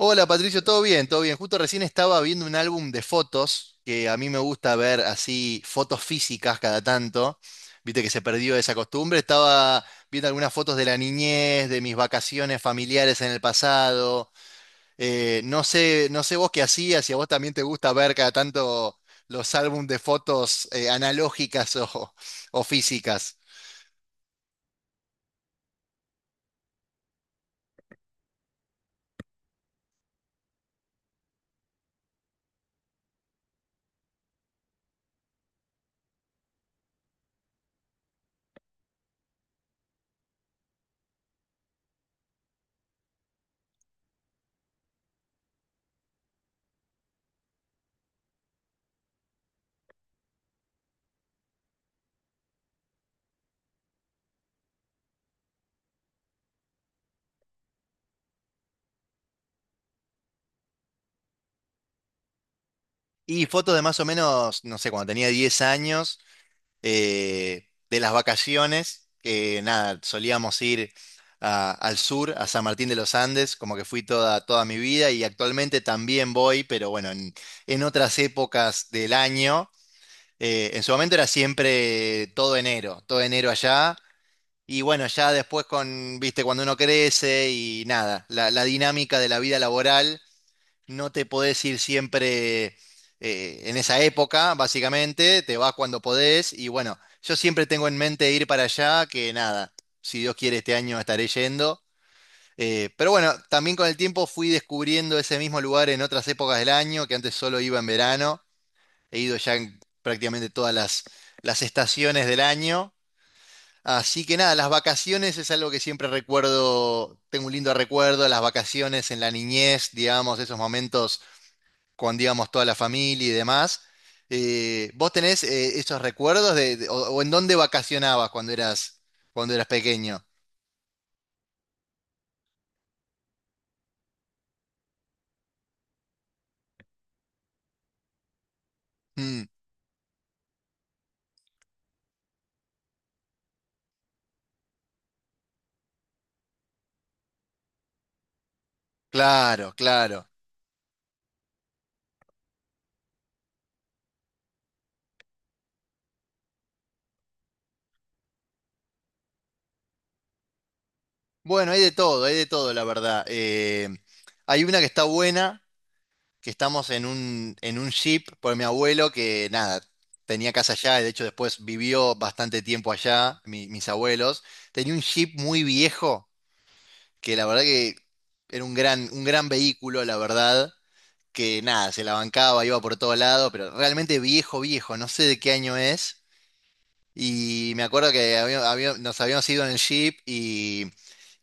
Hola Patricio, todo bien, todo bien. Justo recién estaba viendo un álbum de fotos, que a mí me gusta ver así fotos físicas cada tanto. Viste que se perdió esa costumbre. Estaba viendo algunas fotos de la niñez, de mis vacaciones familiares en el pasado. No sé vos qué hacías, si a vos también te gusta ver cada tanto los álbumes de fotos analógicas o físicas. Y fotos de más o menos, no sé, cuando tenía 10 años. De las vacaciones, que nada, solíamos ir al sur, a San Martín de los Andes, como que fui toda, toda mi vida y actualmente también voy, pero bueno, en otras épocas del año. En su momento era siempre todo enero allá. Y bueno, ya después viste, cuando uno crece y nada, la dinámica de la vida laboral no te podés ir siempre en esa época, básicamente, te vas cuando podés. Y bueno, yo siempre tengo en mente ir para allá, que nada, si Dios quiere este año estaré yendo. Pero bueno, también con el tiempo fui descubriendo ese mismo lugar en otras épocas del año, que antes solo iba en verano, he ido ya en prácticamente todas las estaciones del año. Así que nada, las vacaciones es algo que siempre recuerdo, tengo un lindo recuerdo, las vacaciones en la niñez, digamos, esos momentos con, digamos, toda la familia y demás. ¿Vos tenés esos recuerdos o en dónde vacacionabas cuando eras pequeño? Mm, claro, claro. Bueno, hay de todo, la verdad. Hay una que está buena, que estamos en en un jeep por mi abuelo que, nada, tenía casa allá, y de hecho después vivió bastante tiempo allá, mis abuelos. Tenía un jeep muy viejo, que la verdad que era un gran vehículo, la verdad. Que nada, se la bancaba, iba por todo lado, pero realmente viejo, viejo, no sé de qué año es. Y me acuerdo que nos habíamos ido en el jeep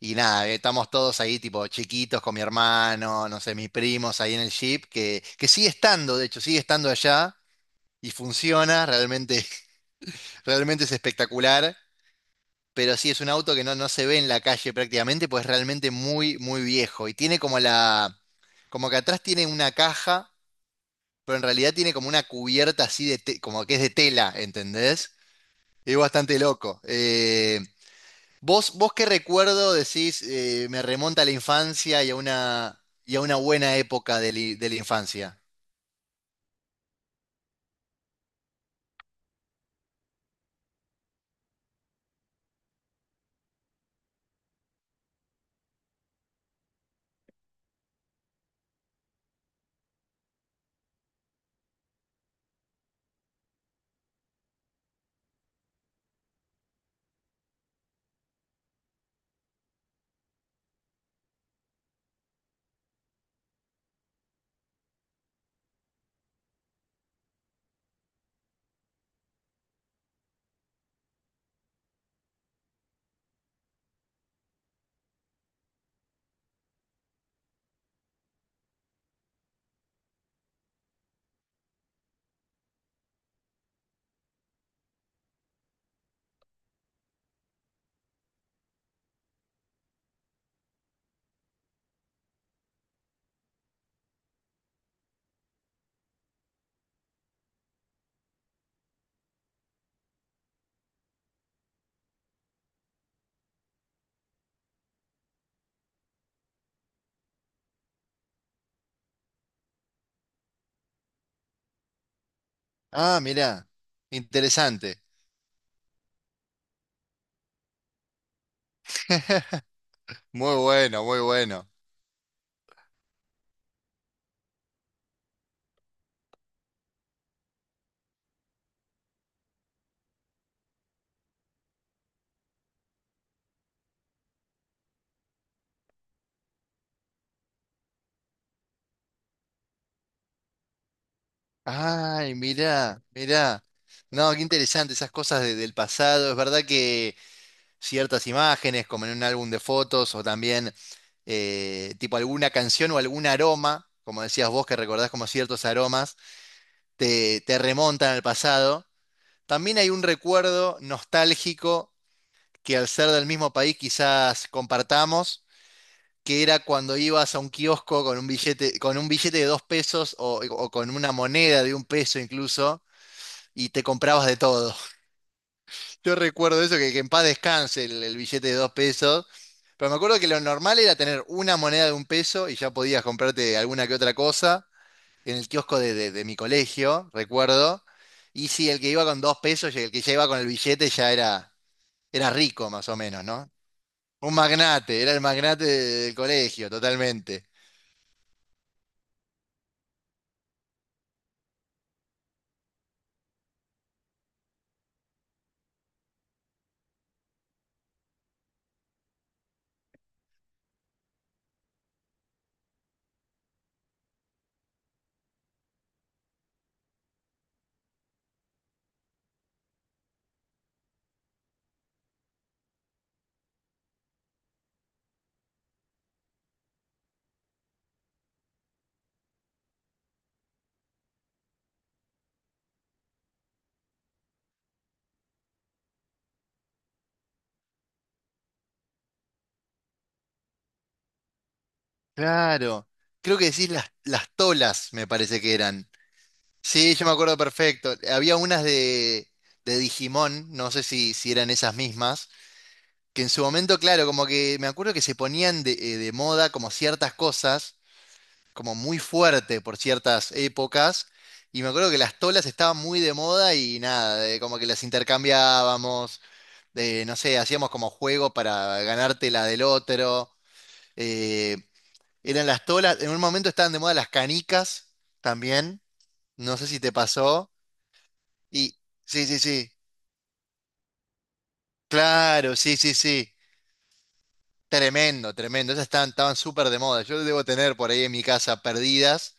y nada, estamos todos ahí tipo chiquitos con mi hermano, no sé, mis primos ahí en el jeep, que sigue estando, de hecho, sigue estando allá y funciona, realmente, realmente es espectacular. Pero sí, es un auto que no se ve en la calle prácticamente, pues es realmente muy, muy viejo. Y tiene como que atrás tiene una caja, pero en realidad tiene como una cubierta así de, como que es de tela, ¿entendés? Es bastante loco. Vos qué recuerdo decís, me remonta a la infancia y a y a una buena época de la infancia? Ah, mirá, interesante. Muy bueno, muy bueno. Ay, mirá, mirá. No, qué interesante esas cosas del pasado. Es verdad que ciertas imágenes, como en un álbum de fotos o también tipo alguna canción o algún aroma, como decías vos que recordás como ciertos aromas, te remontan al pasado. También hay un recuerdo nostálgico que al ser del mismo país quizás compartamos, que era cuando ibas a un kiosco con un billete de 2 pesos o con una moneda de 1 peso incluso, y te comprabas de todo. Yo recuerdo eso, que en paz descanse el billete de 2 pesos. Pero me acuerdo que lo normal era tener una moneda de 1 peso y ya podías comprarte alguna que otra cosa en el kiosco de mi colegio, recuerdo. Y si el que iba con 2 pesos y el que ya iba con el billete ya era rico, más o menos, ¿no? Un magnate, era el magnate del colegio, totalmente. Claro. Creo que decís las tolas, me parece que eran. Sí, yo me acuerdo perfecto. Había unas de Digimon, no sé si eran esas mismas, que en su momento, claro, como que me acuerdo que se ponían de moda como ciertas cosas, como muy fuerte por ciertas épocas, y me acuerdo que las tolas estaban muy de moda y nada, como que las intercambiábamos, no sé, hacíamos como juego para ganarte la del otro. eh, Eran las tolas. En un momento estaban de moda las canicas también, no sé si te pasó. Y sí, sí, sí. Claro, sí, sí, sí. Tremendo, tremendo. Esas estaban súper de moda. Yo debo tener por ahí en mi casa perdidas,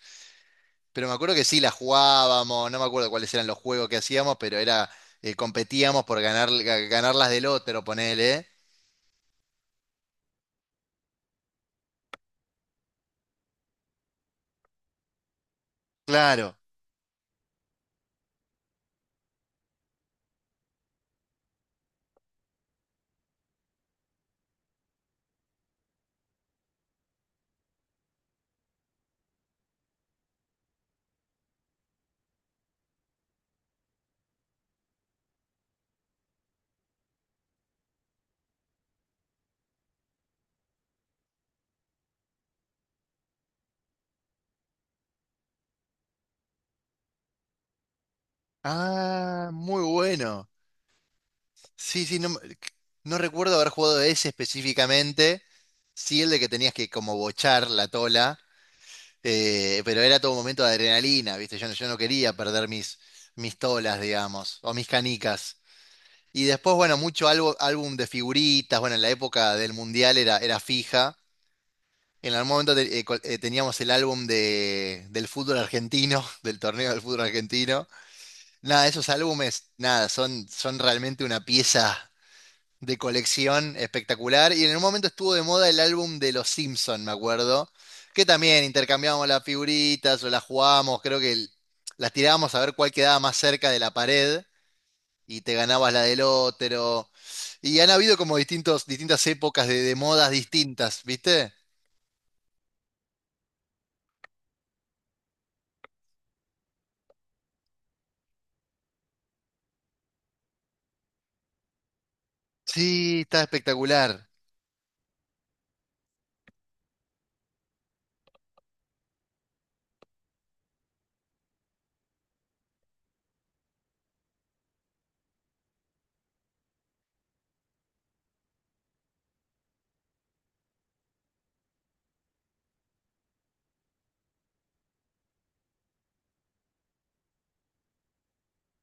pero me acuerdo que sí las jugábamos, no me acuerdo cuáles eran los juegos que hacíamos, pero competíamos por ganar, ganar las del otro, ponele. Claro. Ah, muy bueno. Sí, sí, no, no recuerdo haber jugado ese específicamente. Sí, el de que tenías que como bochar la tola. Pero era todo un momento de adrenalina, ¿viste? Yo, no quería perder mis tolas, digamos, o mis canicas. Y después, bueno, mucho algo, álbum de figuritas, bueno, en la época del Mundial era fija. En algún momento teníamos el álbum del fútbol argentino, del torneo del fútbol argentino. Nada, esos álbumes, nada, son realmente una pieza de colección espectacular. Y en un momento estuvo de moda el álbum de Los Simpson, me acuerdo, que también intercambiábamos las figuritas o las jugábamos, creo que las tirábamos a ver cuál quedaba más cerca de la pared y te ganabas la del otro. Y han habido como distintas épocas de modas distintas, ¿viste? Sí, está espectacular.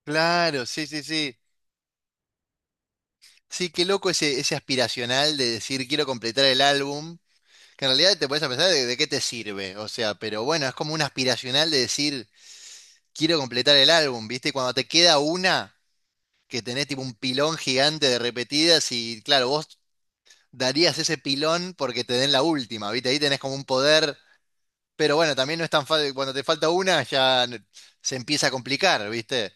Claro, sí, sí, sí. Sí, qué loco ese aspiracional de decir quiero completar el álbum. Que en realidad te puedes a pensar de qué te sirve, o sea, pero bueno, es como un aspiracional de decir, quiero completar el álbum, ¿viste? Y cuando te queda una, que tenés tipo un pilón gigante de repetidas y claro, vos darías ese pilón porque te den la última, ¿viste? Ahí tenés como un poder, pero bueno, también no es tan fácil, cuando te falta una ya se empieza a complicar, ¿viste?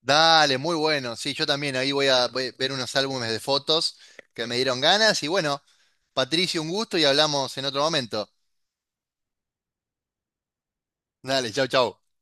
Dale, muy bueno, sí, yo también ahí voy a ver unos álbumes de fotos que me dieron ganas y bueno, Patricio, un gusto y hablamos en otro momento. Dale, chau, chau.